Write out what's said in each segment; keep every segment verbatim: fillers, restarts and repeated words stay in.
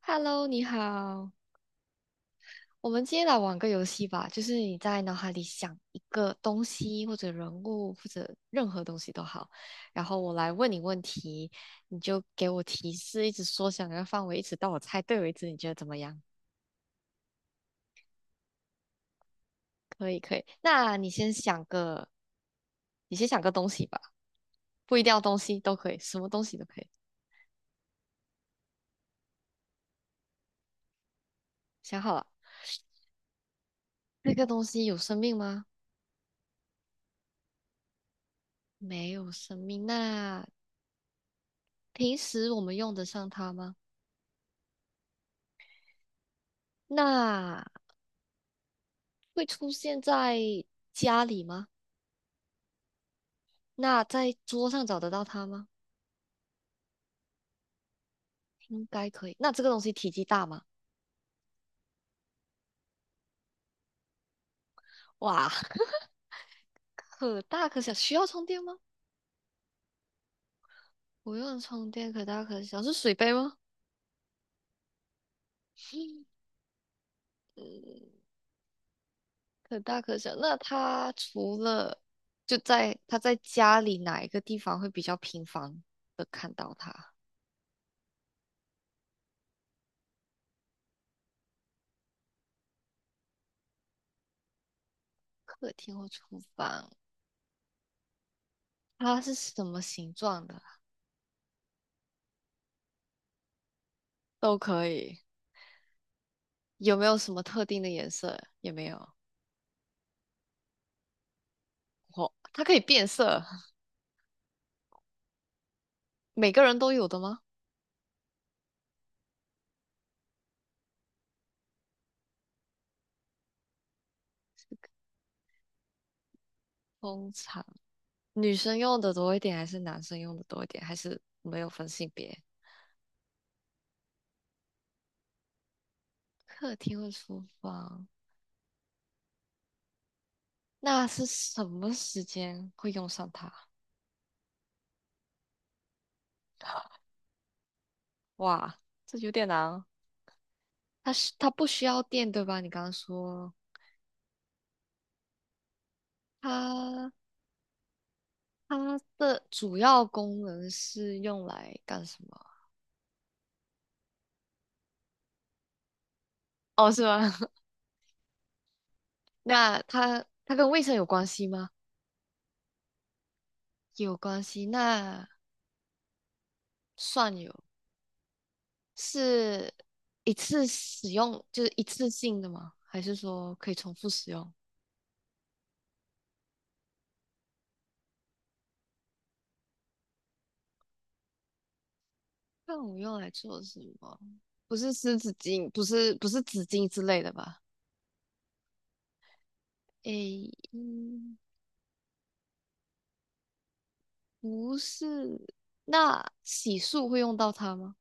Hello,你好，我们今天来玩个游戏吧，就是你在脑海里想一个东西或者人物或者任何东西都好，然后我来问你问题，你就给我提示，一直缩小那个范围，一直到我猜对为止，你觉得怎么样？可以，可以。那你先想个，你先想个东西吧，不一定要东西都可以，什么东西都可以。想好了，那个东西有生命吗？没有生命。那平时我们用得上它吗？那会出现在家里吗？那在桌上找得到它吗？应该可以。那这个东西体积大吗？哇，可大可小，需要充电吗？不用充电，可大可小，是水杯吗？嗯，可大可小。那它除了就在它在家里哪一个地方会比较频繁的看到它？客厅或厨房？它是什么形状的？都可以。有没有什么特定的颜色？也没有。哦，它可以变色，每个人都有的吗？通常女生用的多一点，还是男生用的多一点，还是没有分性别？客厅和厨房，那是什么时间会用上它？哇，这有点难哦。它是它不需要电，对吧？你刚刚说它它的主要功能是用来干什么？哦，是吗？那它它跟卫生有关系吗？有关系，那算有。是一次使用，就是一次性的吗？还是说可以重复使用？那我用来做什么？不是湿纸巾，不是不是纸巾之类的吧？诶，嗯，不是。那洗漱会用到它吗？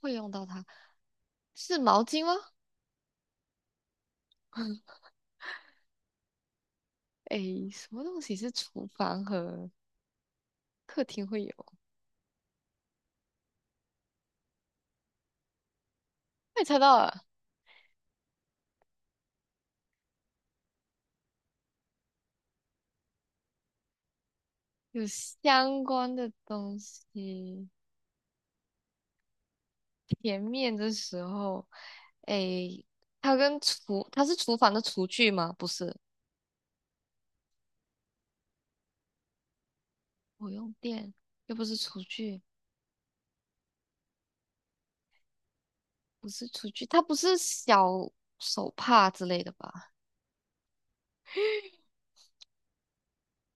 会用到它，是毛巾吗？诶，什么东西是厨房和客厅会有？我也猜到了，有相关的东西。前面的时候。诶，它跟厨，它是厨房的厨具吗？不是，我用电，又不是厨具，不是厨具，它不是小手帕之类的吧？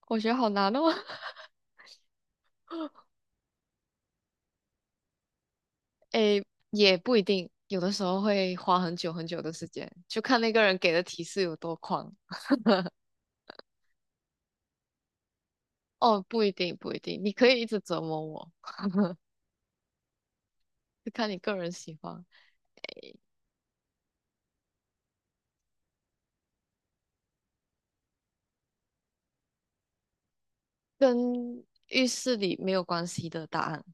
我觉得好难哦。诶，也不一定，有的时候会花很久很久的时间，就看那个人给的提示有多狂。哦，不一定，不一定，你可以一直折磨我，就看你个人喜欢，跟浴室里没有关系的答案，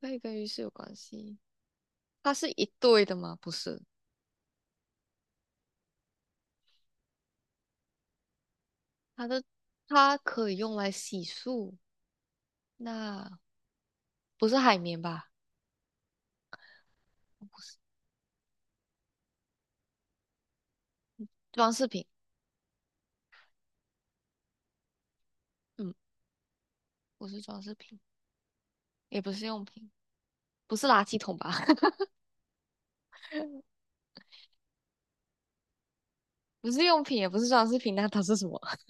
可以跟浴室有关系。它是一对的吗？不是。它的它可以用来洗漱，那不是海绵吧？不是装饰品，嗯，不是装饰品，也不是用品，不是垃圾桶吧？不是用品，也不是装饰品，那它是什么？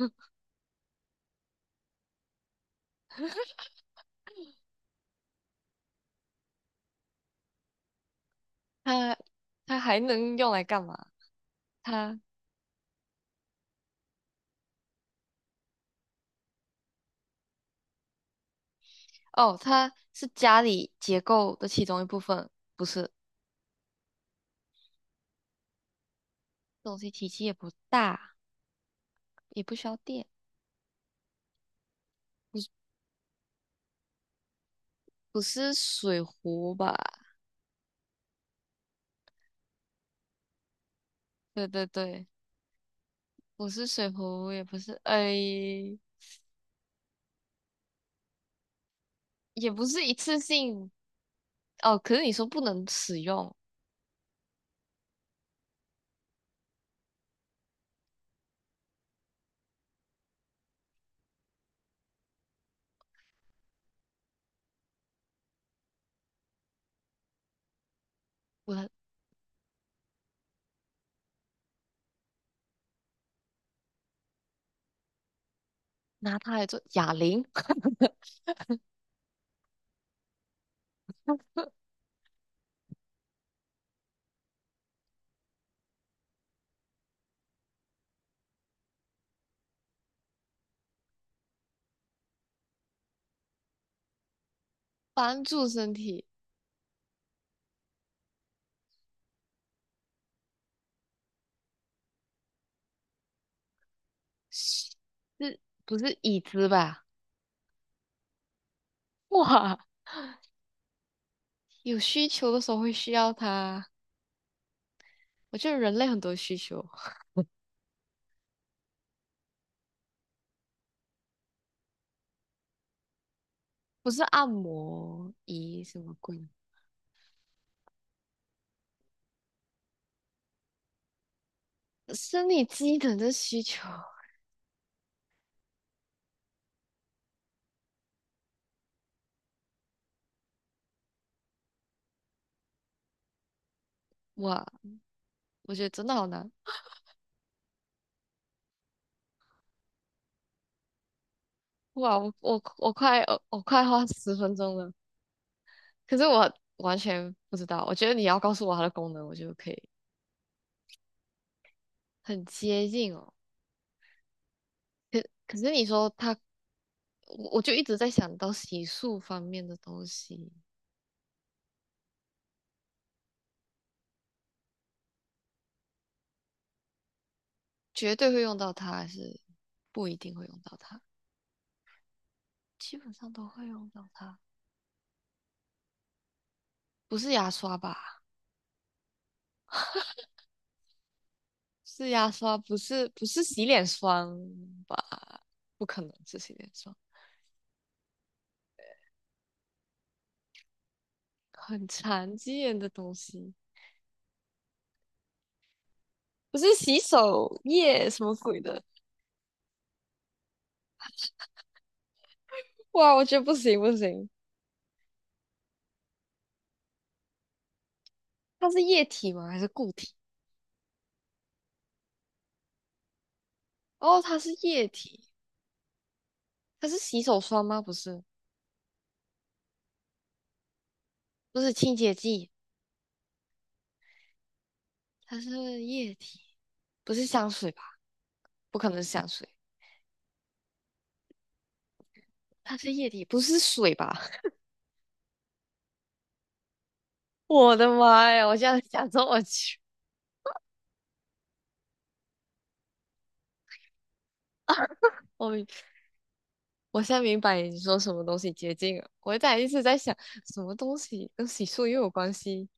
它它还能用来干嘛？它哦，它是家里结构的其中一部分，不是东西体积也不大，也不需要电，不是水壶吧？对对对，不是水壶，也不是，哎，也不是一次性。哦，可是你说不能使用，我拿它来做哑铃，帮助身体，是不是椅子吧？哇，有需求的时候会需要它。我觉得人类很多需求，不是按摩仪什么鬼，生理机能的需求。哇，我觉得真的好难。哇，我我我快我我快花十分钟了，可是我完全不知道。我觉得你要告诉我它的功能，我就可以很接近哦。可可是你说它我我就一直在想到洗漱方面的东西，绝对会用到它，还是不一定会用到它？基本上都会用到它，不是牙刷吧？是牙刷，不是不是洗脸霜吧？不可能是洗脸霜，很常见的东西，不是洗手液什么鬼的？哇，我觉得不行不行，它是液体吗？还是固体？哦，它是液体，它是洗手霜吗？不是，不是清洁剂，它是液体。不是香水吧？不可能是香水，它是液体，不是水吧？我的妈呀！我现在想说，我去，我明我现在明白你说什么东西洁净了。我在一直在想，什么东西跟洗漱又有关系？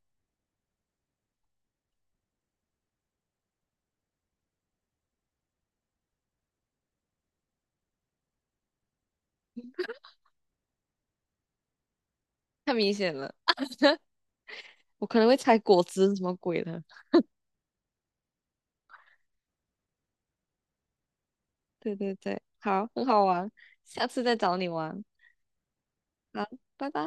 太明显了，我可能会猜果汁什么鬼的。对对对，好，很好玩，下次再找你玩。好，拜拜。